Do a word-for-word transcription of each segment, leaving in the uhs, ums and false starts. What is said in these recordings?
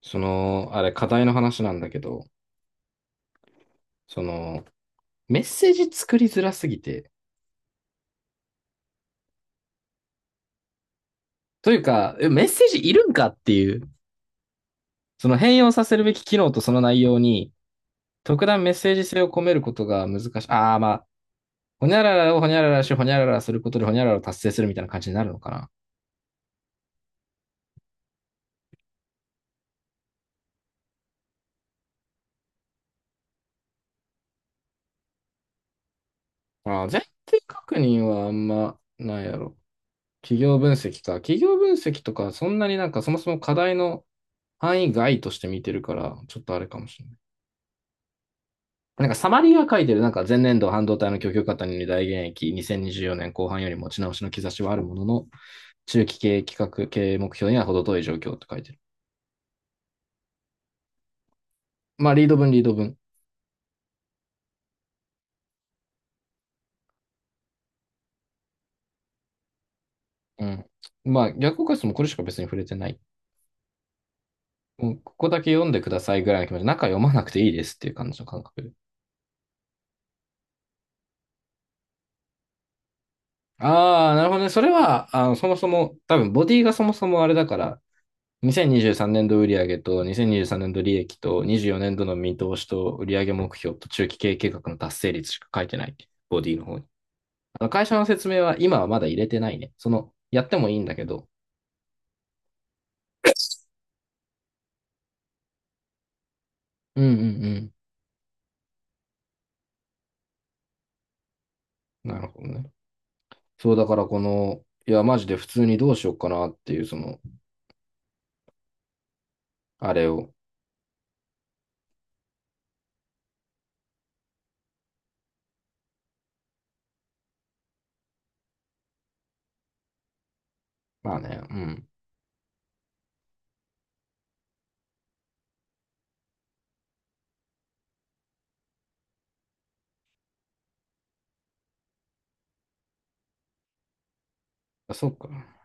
その、あれ、課題の話なんだけど、その、メッセージ作りづらすぎて、というか、えメッセージいるんかっていう、その変容させるべき機能とその内容に、特段メッセージ性を込めることが難しい。ああ、まあ、ほにゃららをほにゃららし、ほにゃららすることでほにゃららを達成するみたいな感じになるのかな。ああ、前提確認はあんまないやろ。企業分析か。企業分析とか、そんなになんかそもそも課題の範囲外として見てるから、ちょっとあれかもしれない。なんかサマリーが書いてる、なんか前年度半導体の供給過多により大減益、にせんにじゅうよねんご半より持ち直しの兆しはあるものの、中期経営企画経営目標には程遠い状況って書いてる。まあ、リード文リード文。うん。まあ、逆効果室もうこれしか別に触れてない。もうここだけ読んでくださいぐらいの気持ち、中読まなくていいですっていう感じの感覚で。ああ、なるほどね。それは、あの、そもそも、多分、ボディがそもそもあれだから、にせんにじゅうさんねん度売上とにせんにじゅうさんねん度利益とにじゅうよねん度の見通しと売上目標と中期経営計画の達成率しか書いてない。ボディの方に。あの、会社の説明は今はまだ入れてないね。その、やってもいいんだけど。うんうんうん。なるほどね。そう、だからこの、いや、マジで普通にどうしようかなっていう、その、あれを。まあね、うん。あ、そっか。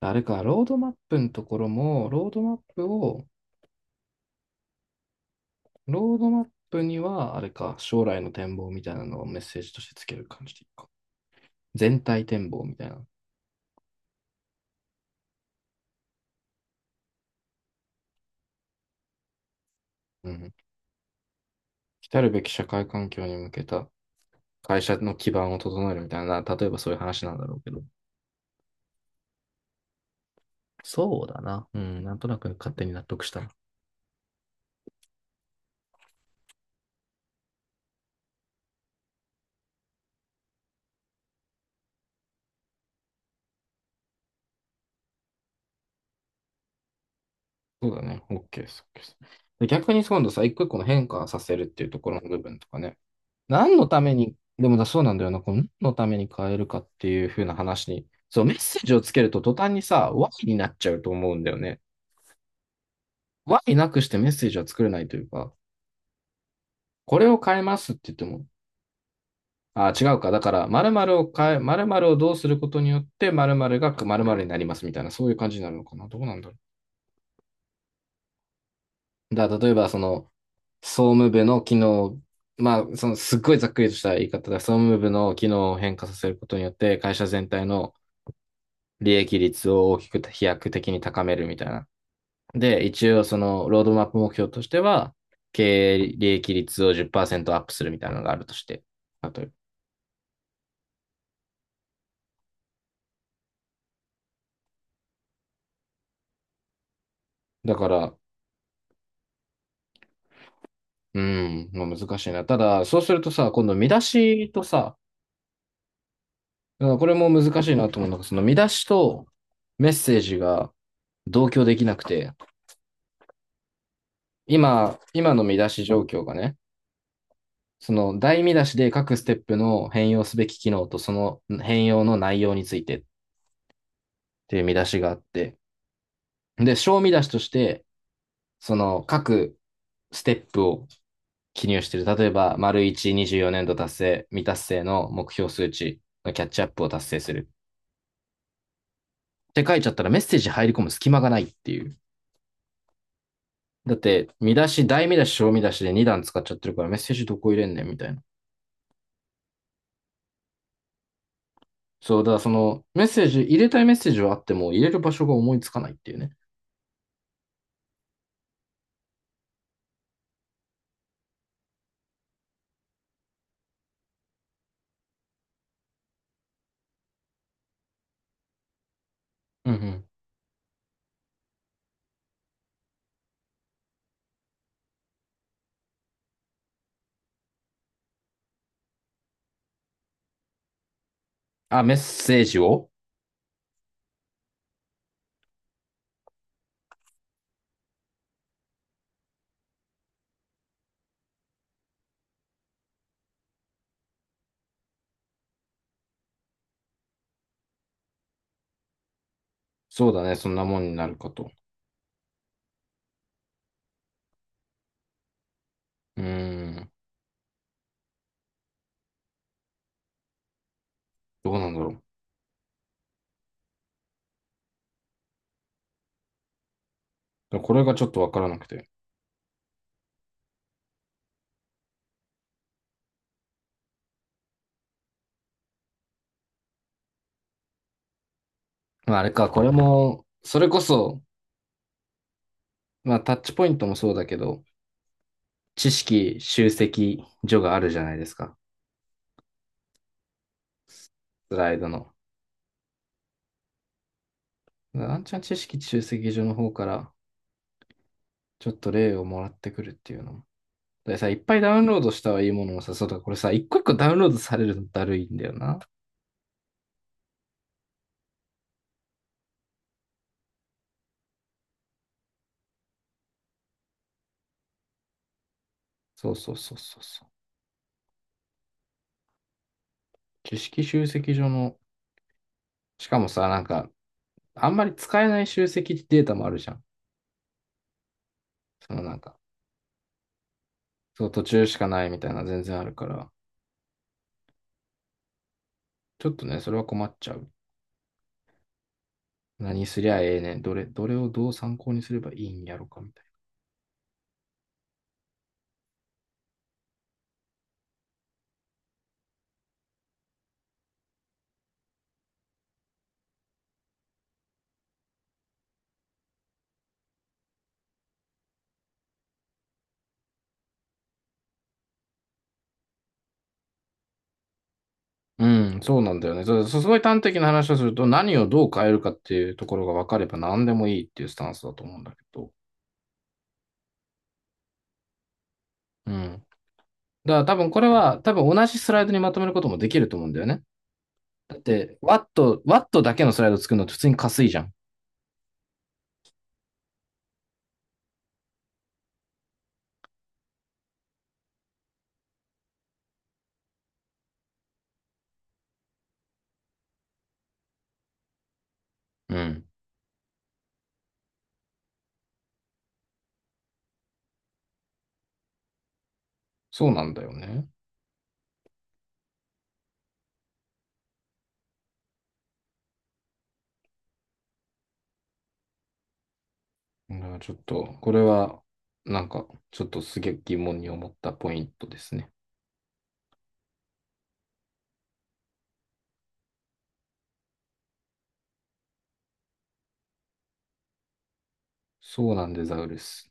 あれか、ロードマップのところも、ロードマップを、ロードマップには、あれか、将来の展望みたいなのをメッセージとしてつける感じでいいか。全体展望みたいな。うん。来たるべき社会環境に向けた会社の基盤を整えるみたいな、例えばそういう話なんだろうけど。そうだな。うん、なんとなく勝手に納得した。そうだね。OK です。OK です。で逆に今度さ、一個一個の変化させるっていうところの部分とかね。何のために、でもだそうなんだよな。この何のために変えるかっていう風な話に、そう、メッセージをつけると途端にさ、ワイになっちゃうと思うんだよね。Y なくしてメッセージは作れないというか、これを変えますって言っても、あ、違うか。だから、〇〇を変え、〇〇をどうすることによって、〇〇が〇〇になりますみたいな、そういう感じになるのかな。どうなんだろう。だから例えば、その、総務部の機能、まあ、その、すっごいざっくりとした言い方で、総務部の機能を変化させることによって、会社全体の利益率を大きく飛躍的に高めるみたいな。で、一応、その、ロードマップ目標としては、経営利益率をじゅっパーセントアップするみたいなのがあるとして、例えば。だから、うん、まあ、難しいな。ただ、そうするとさ、今度見出しとさ、これも難しいなと思うのがその見出しとメッセージが同居できなくて、今、今の見出し状況がね、その大見出しで各ステップの変容すべき機能とその変容の内容についてっていう見出しがあって、で、小見出しとして、その各ステップを記入してる。例えば、丸いち、にじゅうよねん度達成、未達成の目標数値のキャッチアップを達成する。って書いちゃったらメッセージ入り込む隙間がないっていう。だって、見出し、大見出し、小見出しでにだん段使っちゃってるからメッセージどこ入れんねんみたいな。そう、だからそのメッセージ、入れたいメッセージはあっても入れる場所が思いつかないっていうね。うんうん。あ、メッセージを、そうだね、そんなもんになるかと。うーん、どうなんだろう。これがちょっとわからなくて。まあ、あれか、これも、それこそ、まあ、タッチポイントもそうだけど、知識集積所があるじゃないですか。スライドの。あんちゃん知識集積所の方からちょっと例をもらってくるっていうのも。でさ、いっぱいダウンロードしたはいいものをさ、そうだ、これさ、一個一個ダウンロードされるのだるいんだよな。そうそうそうそうそう。知識集積所の、しかもさ、なんか、あんまり使えない集積データもあるじゃん。そのなんか、そう、途中しかないみたいな全然あるから、ちょっとね、それは困っちゃう。何すりゃええねん。どれ、どれをどう参考にすればいいんやろかみたいな。うん、そうなんだよね。そう、そうすごい端的な話をすると、何をどう変えるかっていうところが分かれば何でもいいっていうスタンスだと思うんだけど、うん。だから多分これは、多分同じスライドにまとめることもできると思うんだよね。だって、ワット、ワットだけのスライド作るのって普通にかすいじゃん。うん。そうなんだよね。だからちょっと、これは、なんか、ちょっとすげえ疑問に思ったポイントですね。そうなんでザウルス。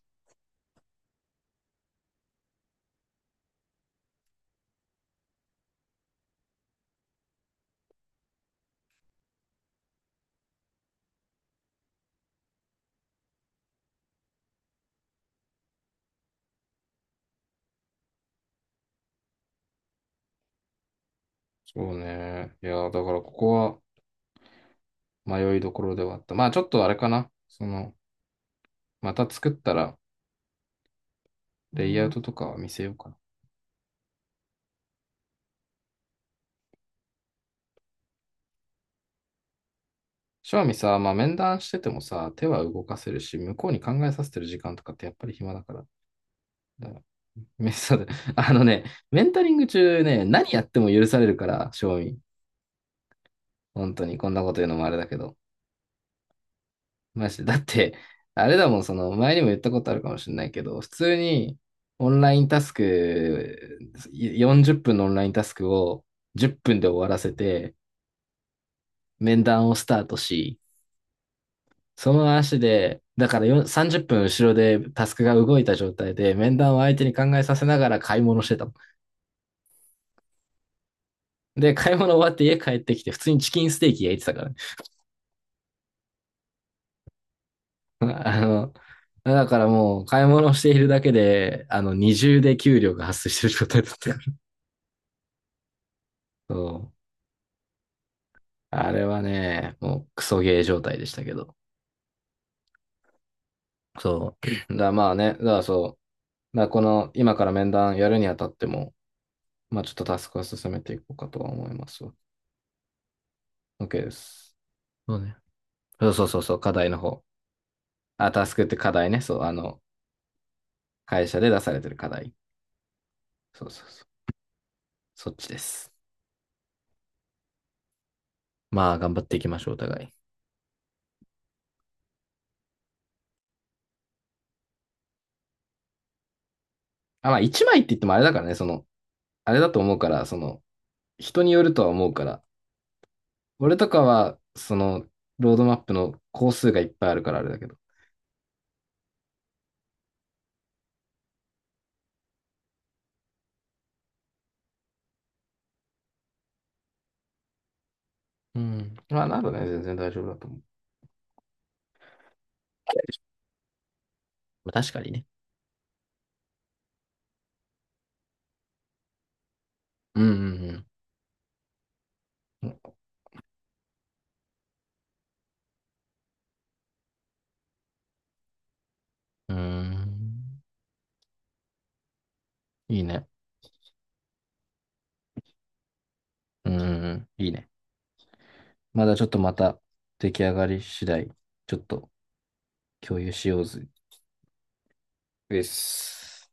そうね。いやー、だからここは迷いどころではあった。まあちょっとあれかな。その、また作ったら、レイアウトとかは見せようかな。正味さ、まあ、面談しててもさ、手は動かせるし、向こうに考えさせてる時間とかってやっぱり暇だから。だよめそうだ あのね、メンタリング中ね、何やっても許されるから、正味。本当に、こんなこと言うのもあれだけど。マジで。だって、あれだもん、その、前にも言ったことあるかもしれないけど、普通に、オンラインタスク、よんじゅっぷんのオンラインタスクをじゅっぷんで終わらせて、面談をスタートし、その足で、だからよさんじゅっぷんごろでタスクが動いた状態で、面談を相手に考えさせながら買い物してたもん。で、買い物終わって家帰ってきて、普通にチキンステーキ焼いてたからね。あの、だからもう買い物をしているだけで、あの、二重で給料が発生してる状態だったから。そう。あれはね、もうクソゲー状態でしたけど。そう。だからまあね、だからそう。だからこの、今から面談やるにあたっても、まあちょっとタスクは進めていこうかとは思いますわ。OK です。そうね。そうそうそうそう、課題の方。あ、タスクって課題ね。そう、あの、会社で出されてる課題。そうそうそう。そっちです。まあ、頑張っていきましょう、お互い。あ、まあ、一枚って言ってもあれだからね、その、あれだと思うから、その、人によるとは思うから。俺とかは、その、ロードマップの工数がいっぱいあるからあれだけど。うん。まあ、なるね、全然大丈夫だと思う。まあ確かにね。うんうんうん。うん。いいね。うんうんうん。いいね。まだちょっとまた出来上がり次第、ちょっと共有しようぜ。です。